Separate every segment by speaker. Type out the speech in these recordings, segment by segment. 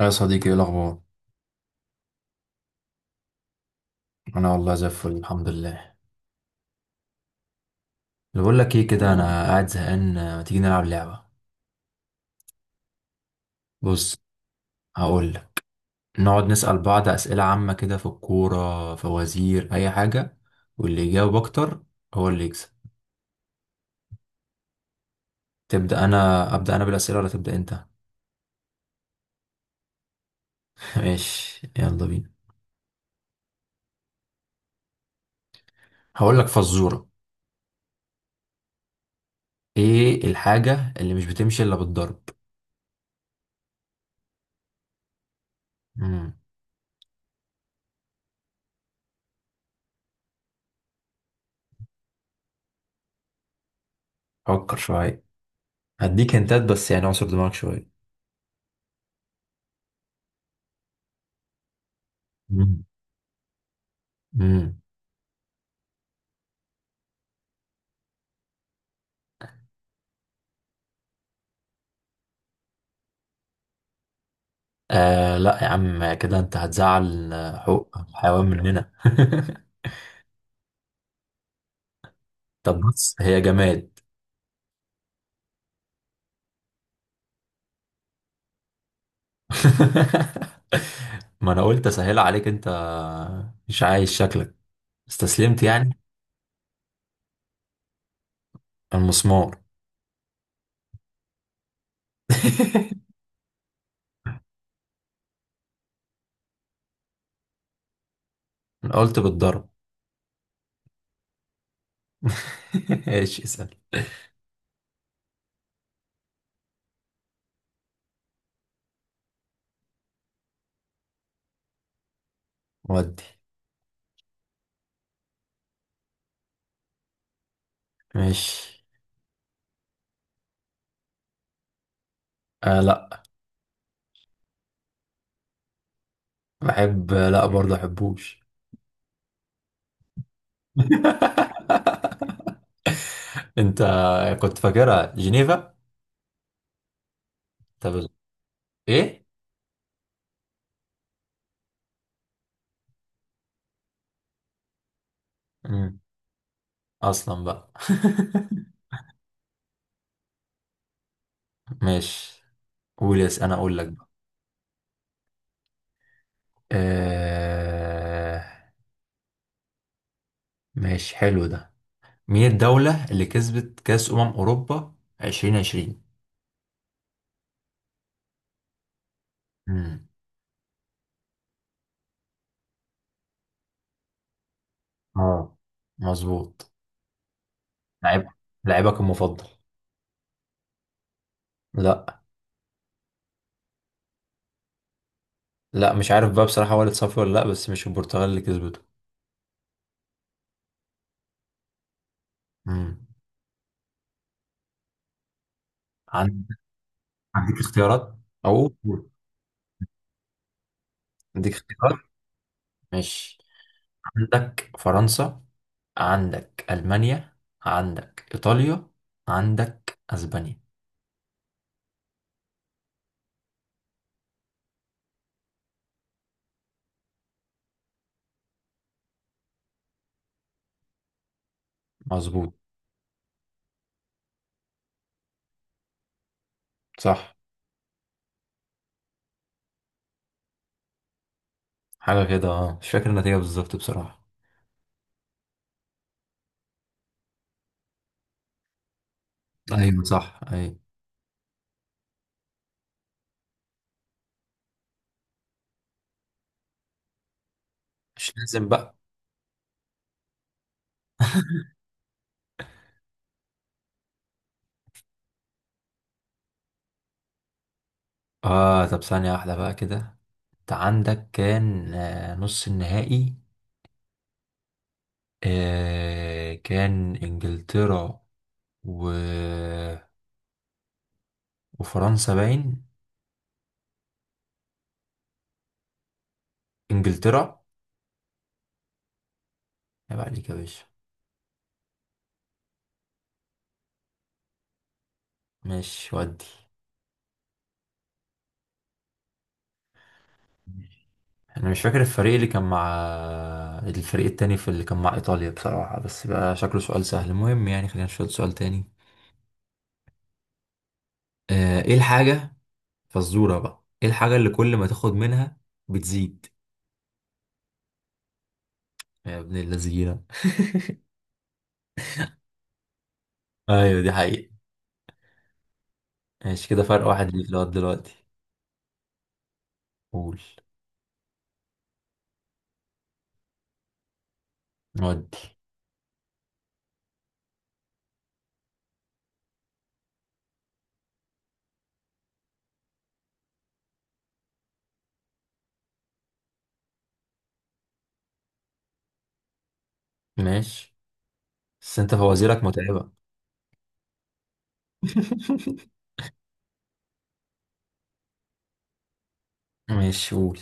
Speaker 1: يا صديقي، ايه الاخبار؟ انا والله زي الفل، الحمد لله. اللي بقول لك ايه كده، انا قاعد زهقان، ما تيجي نلعب لعبه؟ بص، هقول لك. نقعد نسال بعض اسئله عامه كده، في الكوره، فوازير، اي حاجه، واللي يجاوب اكتر هو اللي يكسب. تبدا انا ابدا انا بالاسئله ولا تبدا انت؟ ماشي، يلا بينا. هقول لك فزوره: ايه الحاجه اللي مش بتمشي الا بالضرب؟ امم فكر شويه، هديك هنتات بس يعني، اعصر دماغك شويه. امم آه لا يا عم، كده انت هتزعل. حقوق الحيوان مننا. طب بص، هي جماد. ما انا قلت اسهل عليك انت، مش عايز. شكلك استسلمت يعني. المسمار. انا قلت بالضرب. ايش اسأل؟ ودي ماشي. آه لا، بحب لا برضه احبوش. انت كنت فاكرها جنيفا؟ طب ايه؟ مم. اصلا بقى. ماشي، قول يس انا اقول لك بقى. آه... ماشي، حلو ده. مين الدولة اللي كسبت كأس أمم أوروبا 2020؟ امم اه، مظبوط. لعيب، لعيبك المفضل. لا، لا مش عارف بقى بصراحة والد صفي ولا لا، بس مش البرتغال اللي كسبته. امم عندك، عندك اختيارات او قول. عندك اختيارات، ماشي. عندك فرنسا، عندك ألمانيا، عندك إيطاليا، عندك أسبانيا. مظبوط. صح، حاجة كده، اه مش فاكر النتيجة بالظبط بصراحة. ايوه ايوه صح ايوه. مش لازم بقى. اه طب ثانية واحدة بقى كده. انت عندك كان، نص النهائي. آه كان انجلترا و... وفرنسا باين. انجلترا. يبقى عليك يا باشا. ماشي ودي. انا مش فاكر الفريق اللي كان مع، الفريق التاني في اللي كان مع ايطاليا بصراحة، بس بقى شكله سؤال سهل. المهم يعني خلينا نشوف سؤال تاني. ايه الحاجة، فزورة بقى، ايه الحاجة اللي كل ما تاخد منها بتزيد؟ يا ابن اللذينة. ايوه دي حقيقة. ماشي، كده فرق واحد ليك لغاية دلوقتي. قول. نودي ماشي، بس انت فوازيرك متعبة. ماشي قول.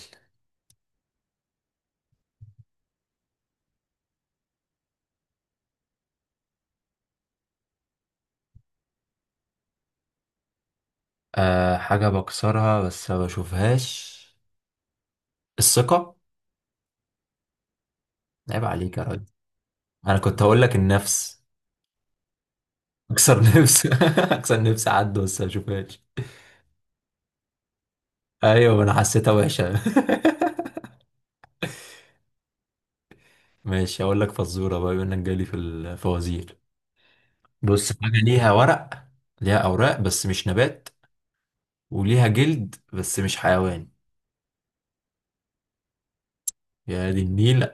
Speaker 1: أه، حاجة بكسرها بس ما بشوفهاش، الثقة. عيب عليك يا راجل. انا كنت هقول لك النفس. اكسر نفس اكسر نفس، عد بس ما بشوفهاش. ايوه ما انا حسيتها وحشة. ماشي، هقول لك فزورة بقى بما انك جالي في الفوازير. بص، حاجة ليها ورق، ليها أوراق بس مش نبات، وليها جلد بس مش حيوان. يا دي النيل.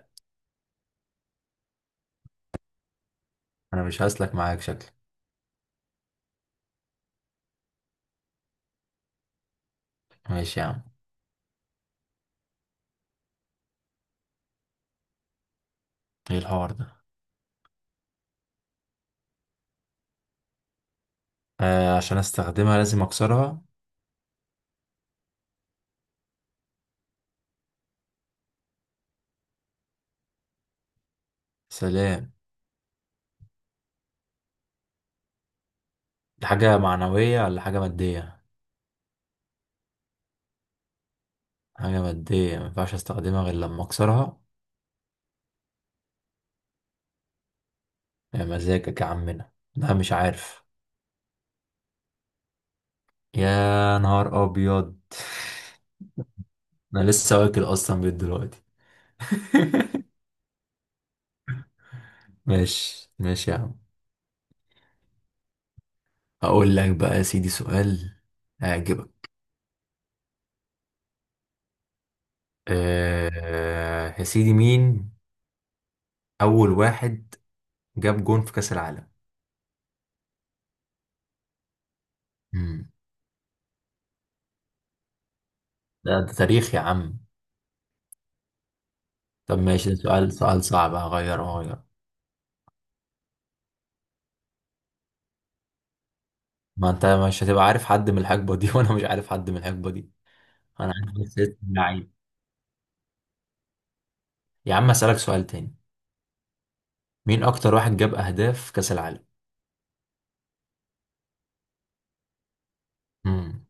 Speaker 1: أنا مش هسلك معاك شكلك. ماشي يا عم. إيه الحوار ده؟ آه، عشان أستخدمها لازم أكسرها. سلام. دي حاجة معنوية ولا حاجة مادية؟ حاجة مادية مينفعش أستخدمها غير لما أكسرها. يا مزاجك يا عمنا، لا مش عارف. يا نهار أبيض. أنا لسه واكل أصلا بيت دلوقتي. ماشي ماشي يا عم. هقول لك بقى يا سيدي سؤال هيعجبك. أه يا سيدي، مين أول واحد جاب جون في كأس العالم؟ مم. ده, ده تاريخ يا عم. طب ماشي، ده سؤال، سؤال صعب، هغير. ما أنت مش هتبقى عارف حد من الحقبة دي وأنا مش عارف حد من الحقبة دي. أنا عارف بس اسم اللعيب. يا عم أسألك سؤال تاني. مين أكتر واحد جاب أهداف في كأس العالم؟ مم.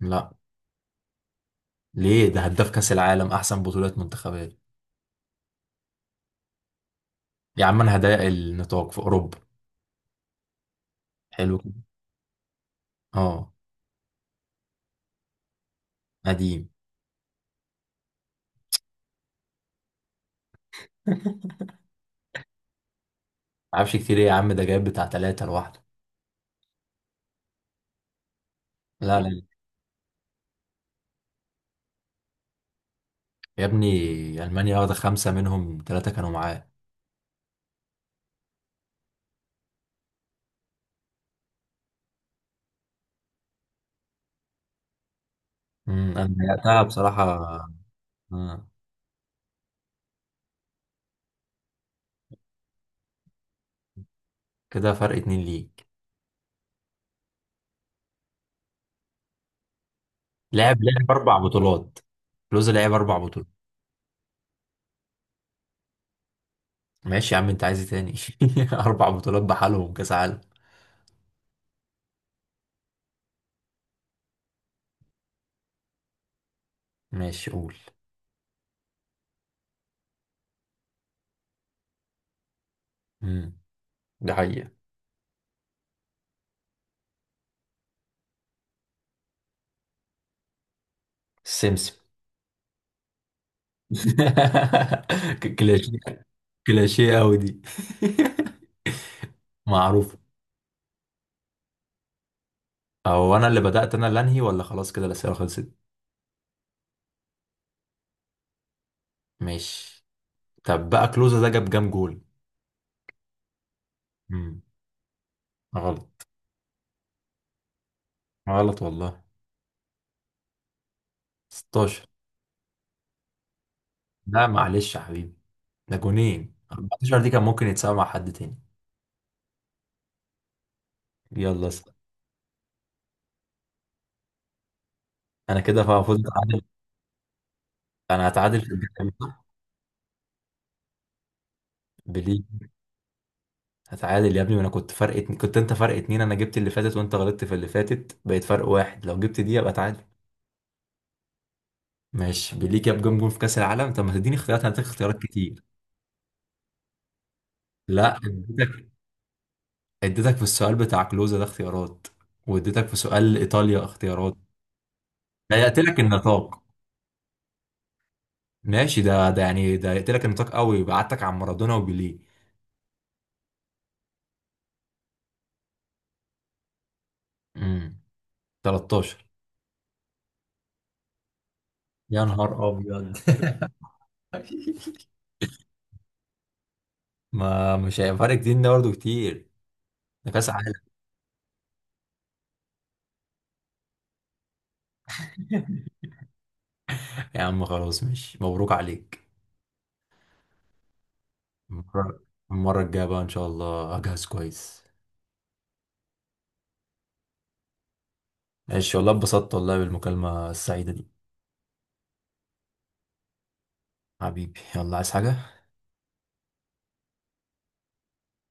Speaker 1: لا، ليه؟ ده هداف كأس العالم، أحسن بطولات منتخبات. يا عم أنا هضيق النطاق في أوروبا، حلو كده؟ أه، قديم. معرفش كتير ايه يا عم، ده جايب بتاع تلاتة لوحده. لا، يا ابني، ألمانيا واخدة خمسة منهم تلاتة كانوا معاه. أنا ضيعتها بصراحة. آه. كده فرق اتنين ليك. لعب أربع بطولات. لوز لعب أربع بطولات. ماشي يا عم أنت عايز ايه تاني؟ أربع بطولات بحالهم كأس عالم. ماشي قول. أمم، ده حقيقة. السمسم. كلاشيه. كلاشيه أوي دي. معروف. هو أنا اللي بدأت أنا اللي أنهي ولا خلاص كده الأسئلة خلصت؟ ماشي. طب بقى كلوزا ده جاب كام جول؟ امم غلط. غلط والله. 16. لا معلش يا حبيبي، ده جونين، 14 دي كان ممكن يتساوي مع حد تاني. يلا اسأل. انا كده فوز اتعادل. انا هتعادل في الجيم، صح؟ بليه. هتعادل يا ابني، وانا كنت فرق اتنين، كنت انت فرق اتنين، انا جبت اللي فاتت وانت غلطت في اللي فاتت، بقيت فرق واحد، لو جبت دي يبقى تعادل. ماشي. بليه جاب جون جون في كاس العالم؟ طب ما تديني اختيارات، انا هديك اختيارات كتير. لا اديتك، اديتك في السؤال بتاع كلوزا ده اختيارات، واديتك في سؤال ايطاليا اختيارات. ده يقتلك النطاق. ماشي، ده ده يعني ده يقتلك النطاق قوي، يبعتك عن مارادونا وبيليه. امم 13. يا نهار ابيض. ما مش هيبقى فرق كتير، ده برضه كتير، ده كاس عالم. يا عم خلاص، مش مبروك عليك. المرة، المرة الجاية بقى إن شاء الله أجهز كويس. ماشي والله، اتبسطت والله بالمكالمة السعيدة دي. حبيبي، يلا، عايز حاجة؟